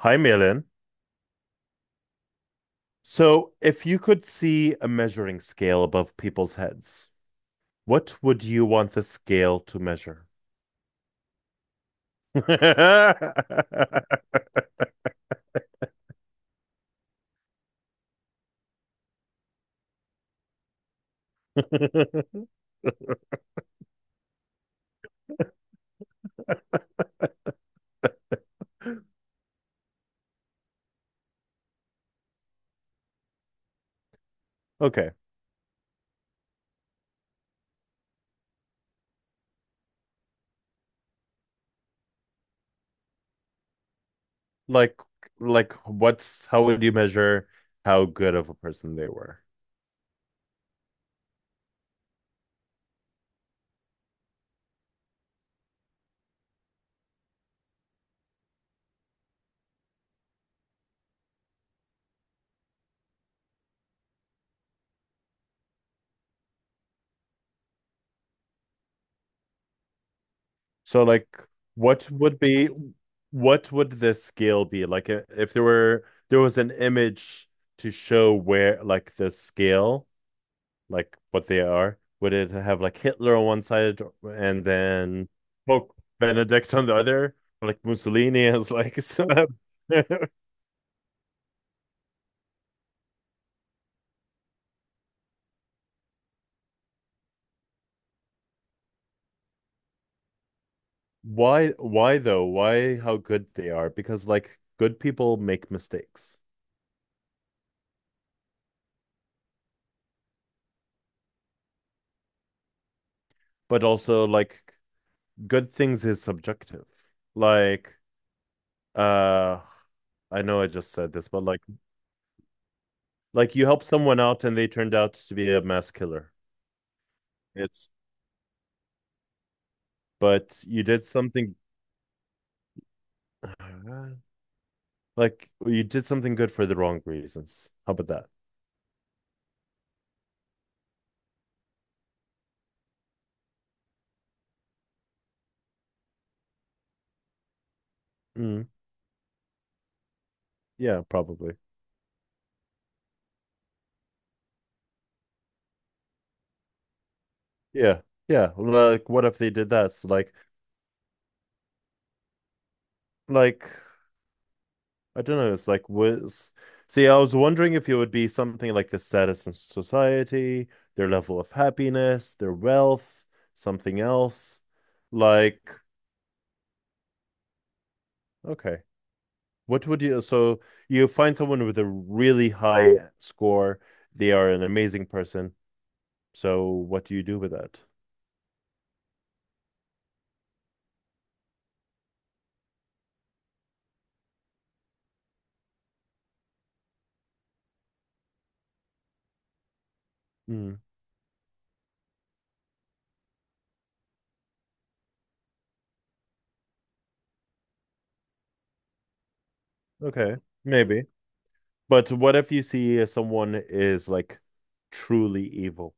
Hi, Malin. So, if you could see a measuring scale above people's heads, what would you want the scale to measure? Okay. Like, like, what's how would you measure how good of a person they were? So, like, what would be, what would the scale be? Like, I- if there were, there was an image to show where, like, the scale. Like what they are? Would it have like Hitler on one side and then Pope Benedict on the other, or, like Mussolini as like so- Why though? Why how good they are? Because like good people make mistakes, but also like good things is subjective. Like uh I know I just said this, but like you help someone out and they turned out to be a mass killer. It's But you did something. Like well, you did something good for the wrong reasons. How about that? Mm, yeah, probably. Yeah, yeah. Like, what if they did that? So, like I don't know. It's like was. See, I was wondering if it would be something like the status in society, their level of happiness, their wealth, something else. Like, okay, what would you? So you find someone with a really high score. They are an amazing person. So what do you do with that? Mm, okay, maybe. But what if you see someone is like truly evil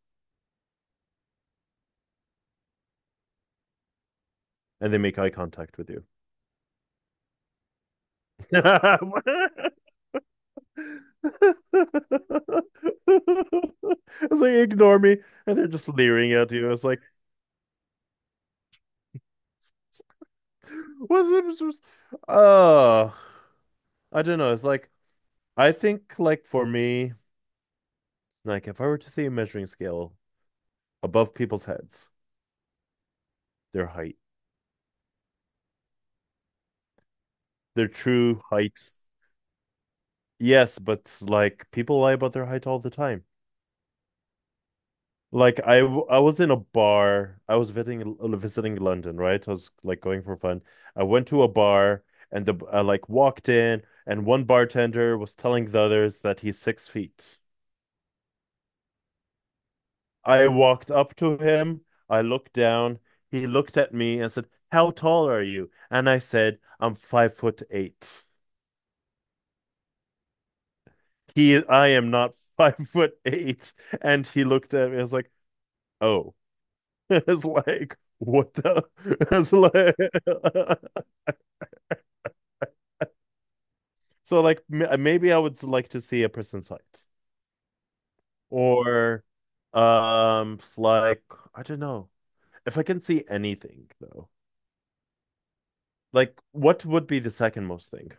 and they make eye contact with you? It's like ignore me, and they're just leering at you. It's like, what's it? Oh, I don't know. It's like, I think, like, for me, like, if I were to see a measuring scale above people's heads, their height, their true heights. Yes, but like, people lie about their height all the time. Like I was in a bar. I was visiting London, right? I was like going for fun. I went to a bar, and the I like walked in and one bartender was telling the others that he's 6 feet. I walked up to him. I looked down. He looked at me and said, "How tall are you?" And I said, "I'm 5'8"." He I am not 5'8". And he looked at me. I was like, "Oh." It's like, what the? It's like. So like maybe I would like to see a prison site or like I don't know. If I can see anything though. Like what would be the second most thing?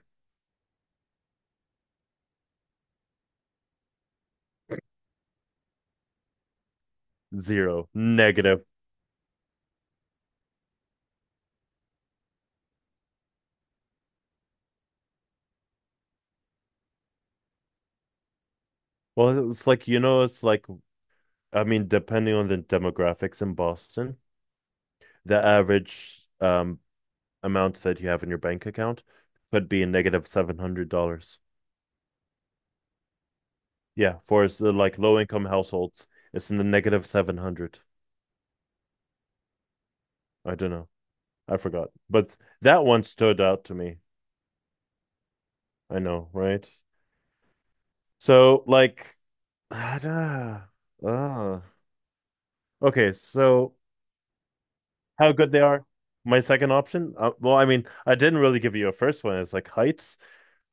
Zero. Negative. Well, it's like it's like I mean depending on the demographics in Boston, the average amount that you have in your bank account could be a $700. Yeah, for like low income households, it's in the negative 700. I don't know. I forgot. But that one stood out to me. I know, right? So like ah, ah, okay, so how good they are. My second option, well, I mean, I didn't really give you a first one. It's like heights.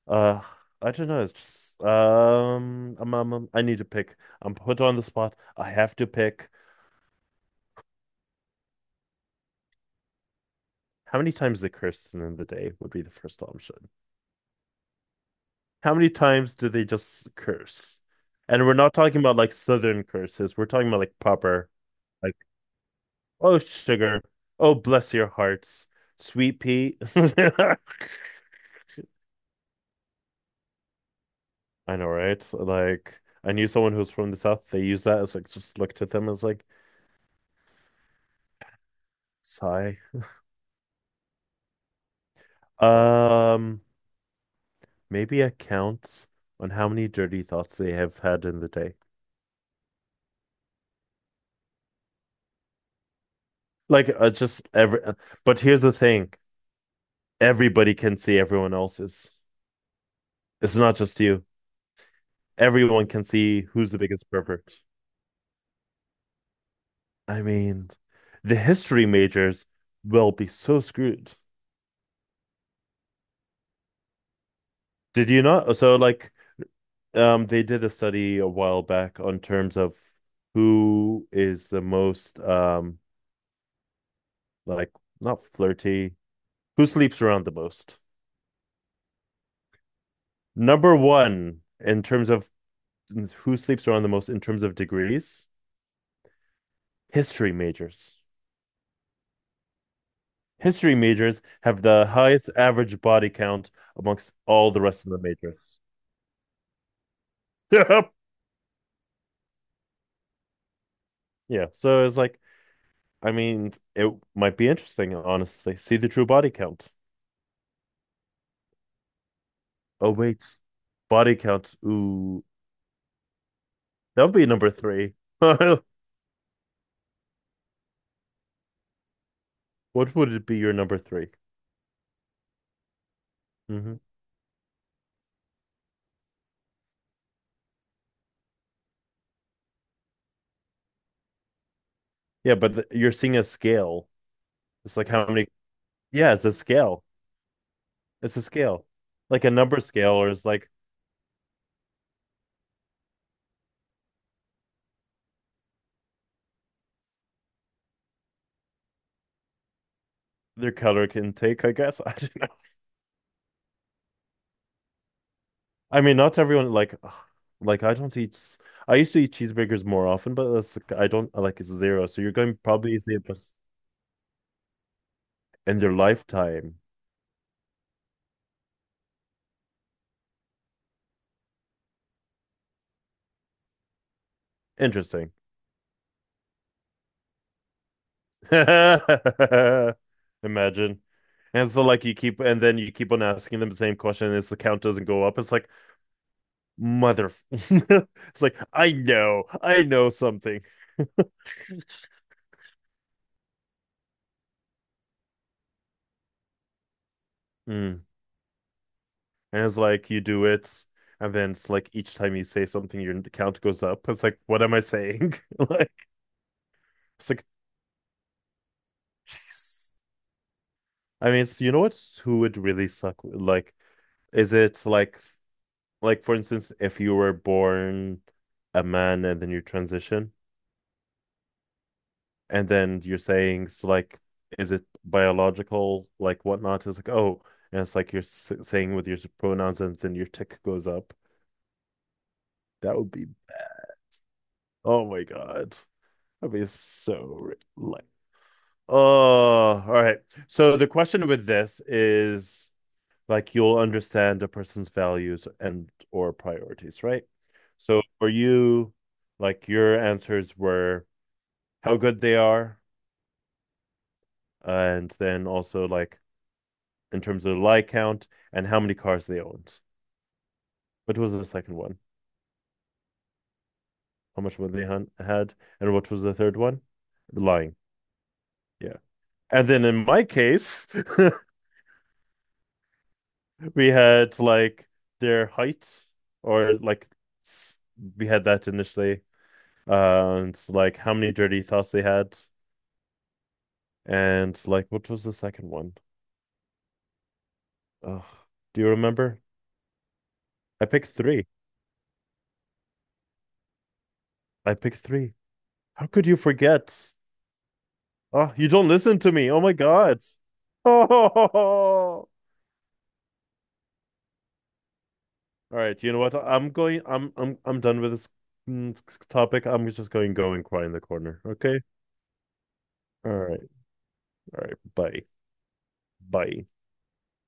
Uh, I don't know. It's just, I need to pick. I'm put on the spot. I have to pick. How many times they curse in the day would be the first option. How many times do they just curse? And we're not talking about like southern curses. We're talking about like proper. Like, oh, sugar. Oh, bless your hearts. Sweet pea. I know, right? Like, I knew someone who's from the South. They use that as like, just looked at them as like, sigh. Um, Maybe a count on how many dirty thoughts they have had in the day. Like, just every, but here's the thing. Everybody can see everyone else's. It's not just you. Everyone can see who's the biggest pervert. I mean, the history majors will be so screwed. Did you not? So like they did a study a while back on terms of who is the most like not flirty, who sleeps around the most. Number one in terms of who sleeps around the most in terms of degrees, history majors. History majors have the highest average body count amongst all the rest of the majors. Yeah, so it's like I mean, it might be interesting, honestly. See the true body count. Oh wait, body count. Ooh, that would be number 3. What would it be your number 3? Hmm. Yeah, but the, you're seeing a scale. It's like how many? Yeah, it's a scale. It's a scale, like a number scale, or it's like their color can take. I guess I don't know. I mean, not everyone like, ugh, like I don't eat. I used to eat cheeseburgers more often, but that's, like, I don't like it's zero. So you're going probably see it in their lifetime. Interesting. Imagine. And so like you keep and then you keep on asking them the same question, and it's the count doesn't go up. It's like mother it's like I know something. Mm. And it's like you do it, and then it's like each time you say something your count goes up. It's like what am I saying? Like it's like jeez. I mean it's, you know what? Who would really suck like is it like for instance if you were born a man and then you transition and then you're saying it's like is it biological like whatnot it's like oh, and it's like you're saying with your pronouns and then your tick goes up, that would be bad. Oh my God, that'd be so like. Oh, all right, so the question with this is like you'll understand a person's values and or priorities, right? So for you, like your answers were how good they are, and then also like in terms of the lie count and how many cars they owned. What was the second one? How much money they had, and what was the third one? Lying. Yeah. And then in my case, we had like their height or like we had that initially. And like how many dirty thoughts they had, and like what was the second one? Oh, do you remember? I picked three. I picked three. How could you forget? Oh, you don't listen to me. Oh my God. Oh. All right. You know what? I'm going. I'm done with this topic. I'm just going to go and cry in the corner. Okay. All right. All right. Bye. Bye.